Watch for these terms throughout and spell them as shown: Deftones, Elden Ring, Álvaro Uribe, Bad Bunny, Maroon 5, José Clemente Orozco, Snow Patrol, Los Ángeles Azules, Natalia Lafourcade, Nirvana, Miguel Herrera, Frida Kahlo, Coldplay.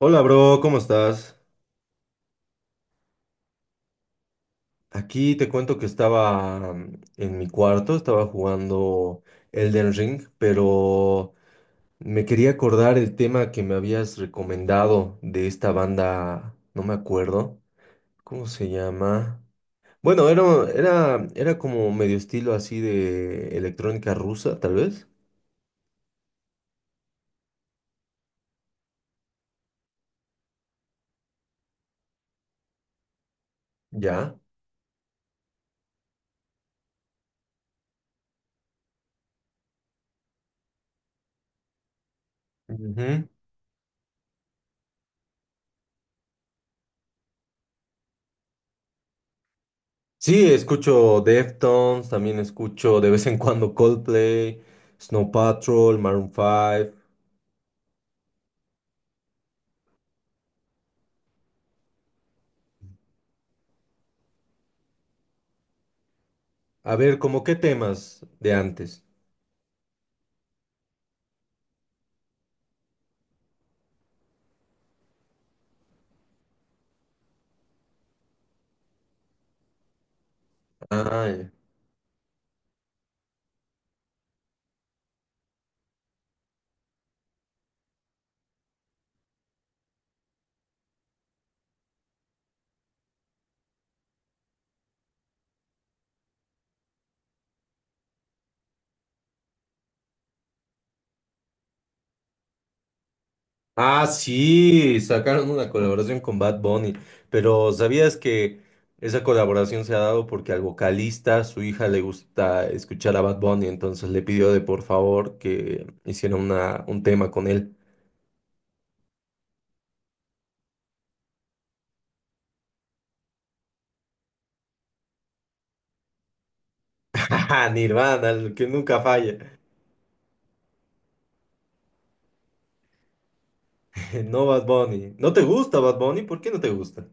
Hola, bro, ¿cómo estás? Aquí te cuento que estaba en mi cuarto, estaba jugando Elden Ring, pero me quería acordar el tema que me habías recomendado de esta banda, no me acuerdo, ¿cómo se llama? Bueno, era como medio estilo así de electrónica rusa, tal vez. Ya. Ujú. Sí, escucho Deftones, también escucho de vez en cuando Coldplay, Snow Patrol, Maroon 5. A ver, ¿cómo qué temas de antes? Ah, ya. Ah, sí, sacaron una colaboración con Bad Bunny, pero ¿sabías que esa colaboración se ha dado porque al vocalista, su hija le gusta escuchar a Bad Bunny, entonces le pidió de por favor que hiciera un tema con él. Ajá, Nirvana, el que nunca falla. No Bad Bunny. ¿No te gusta Bad Bunny? ¿Por qué no te gusta?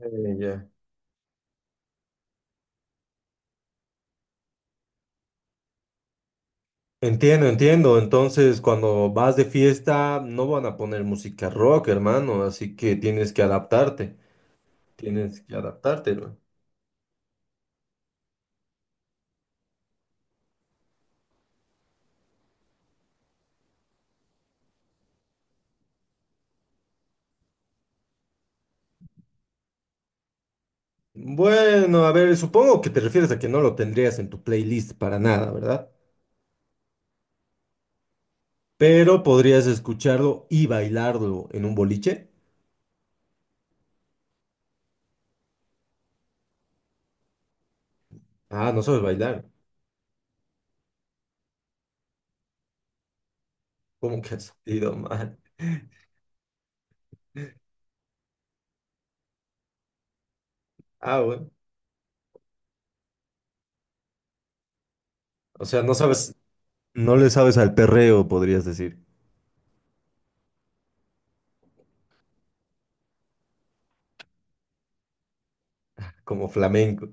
Eh, ya. Entiendo, entiendo. Entonces, cuando vas de fiesta, no van a poner música rock, hermano. Así que tienes que adaptarte. Tienes que adaptarte, hermano. Bueno, a ver, supongo que te refieres a que no lo tendrías en tu playlist para nada, ¿verdad? Pero podrías escucharlo y bailarlo en un boliche. Ah, no sabes bailar. ¿Cómo que has ido mal? Ah, bueno. O sea, no le sabes al perreo, podrías decir, como flamenco.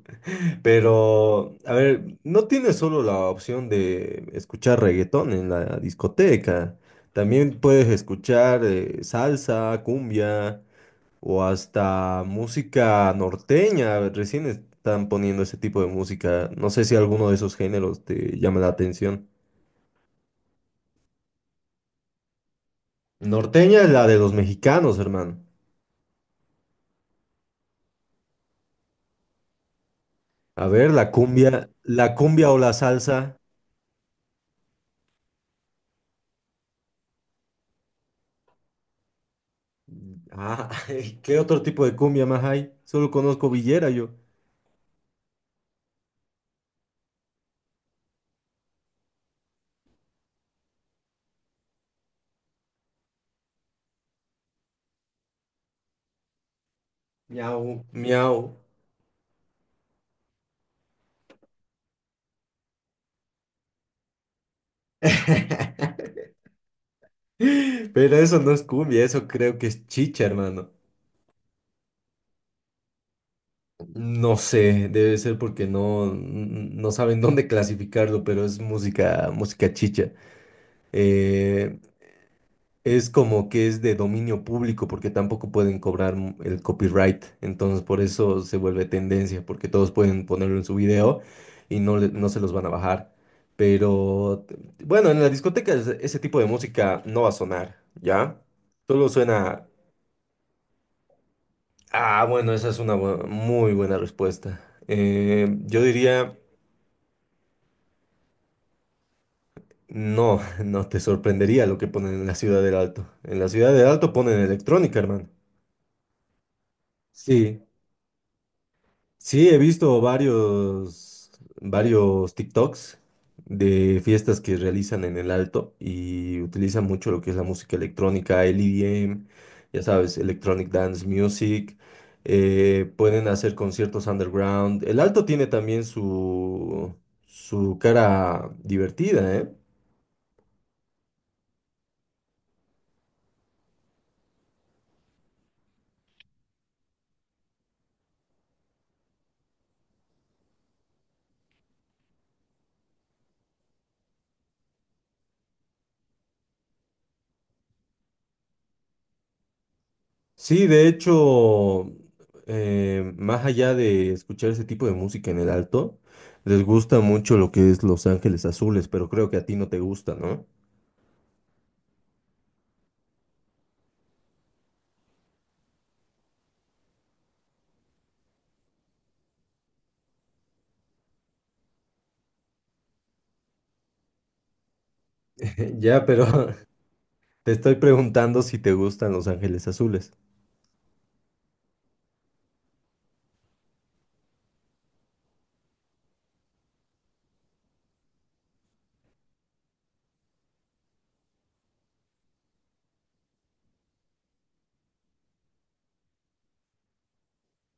Pero, a ver, no tienes solo la opción de escuchar reggaetón en la discoteca. También puedes escuchar salsa, cumbia o hasta música norteña. Recién están poniendo ese tipo de música. No sé si alguno de esos géneros te llama la atención. Norteña es la de los mexicanos, hermano. A ver, la cumbia o la salsa. Ah, ¿qué otro tipo de cumbia más hay? Solo conozco villera yo. Miau, miau. Pero eso no es cumbia, eso creo que es chicha, hermano. No sé, debe ser porque no, no saben dónde clasificarlo, pero es música chicha. Eh, es como que es de dominio público porque tampoco pueden cobrar m- el copyright, entonces por eso se vuelve tendencia, porque todos pueden ponerlo en su video y no, le- no se los van a bajar. Pero bueno, en las discotecas ese tipo de música no va a sonar, ¿ya? Solo suena. Ah, bueno, esa es una muy buena respuesta. Yo diría, no, no te sorprendería lo que ponen en la Ciudad del Alto. En la Ciudad del Alto ponen electrónica, hermano. Sí. Sí, he visto varios TikToks de fiestas que realizan en el Alto y utilizan mucho lo que es la música electrónica, el EDM, ya sabes, Electronic Dance Music. Eh, pueden hacer conciertos underground. El Alto tiene también su cara divertida, ¿eh? Sí, de hecho, más allá de escuchar ese tipo de música en el alto, les gusta mucho lo que es Los Ángeles Azules, pero creo que a ti no te gusta, ¿no? Ya, pero te estoy preguntando si te gustan Los Ángeles Azules.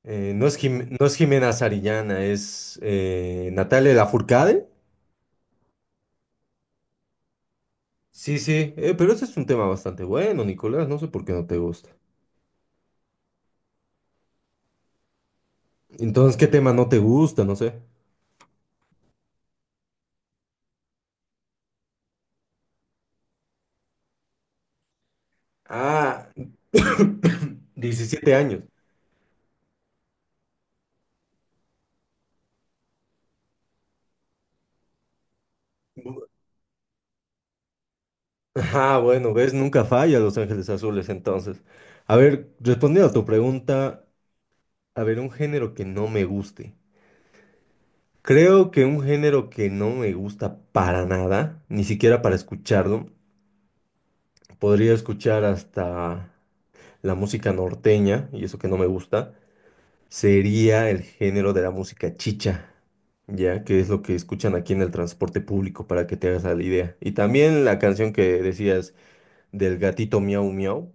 No es Jimena Zarillana, es Natalia Lafourcade. Sí, sí, pero ese es un tema bastante bueno, Nicolás, no sé por qué no te gusta. Entonces, ¿qué tema no te gusta? No sé. Ah, 17 años. Ah, bueno, ves, nunca falla Los Ángeles Azules entonces. A ver, respondiendo a tu pregunta, a ver, un género que no me guste. Creo que un género que no me gusta para nada, ni siquiera para escucharlo, podría escuchar hasta la música norteña, y eso que no me gusta, sería el género de la música chicha, ya que es lo que escuchan aquí en el transporte público, para que te hagas la idea. Y también la canción que decías del gatito miau miau.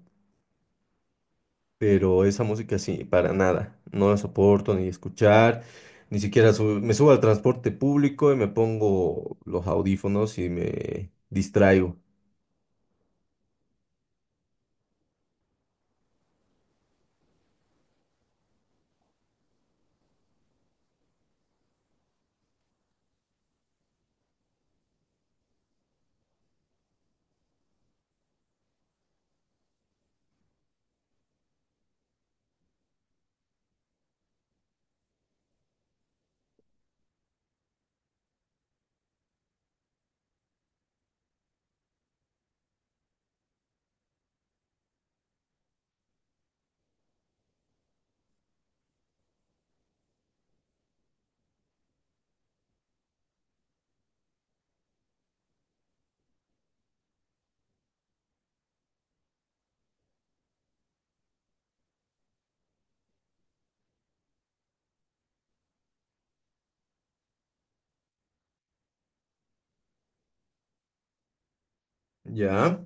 Pero esa música sí, para nada, no la soporto ni escuchar, ni siquiera me subo al transporte público y me pongo los audífonos y me distraigo. ¿Ya?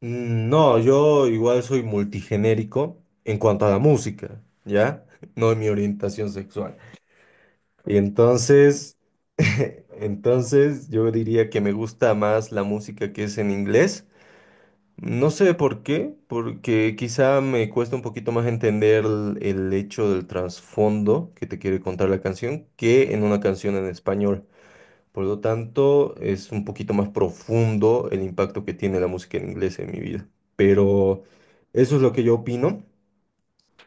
Mm, no, yo igual soy multigenérico en cuanto a la música, ¿ya? No en mi orientación sexual. Y entonces, entonces yo diría que me gusta más la música que es en inglés. No sé por qué, porque quizá me cuesta un poquito más entender el hecho del trasfondo que te quiere contar la canción que en una canción en español. Por lo tanto, es un poquito más profundo el impacto que tiene la música en inglés en mi vida. Pero eso es lo que yo opino.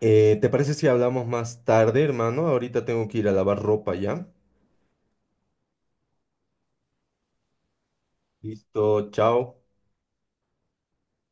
¿Te parece si hablamos más tarde, hermano? Ahorita tengo que ir a lavar ropa ya. Listo, chao.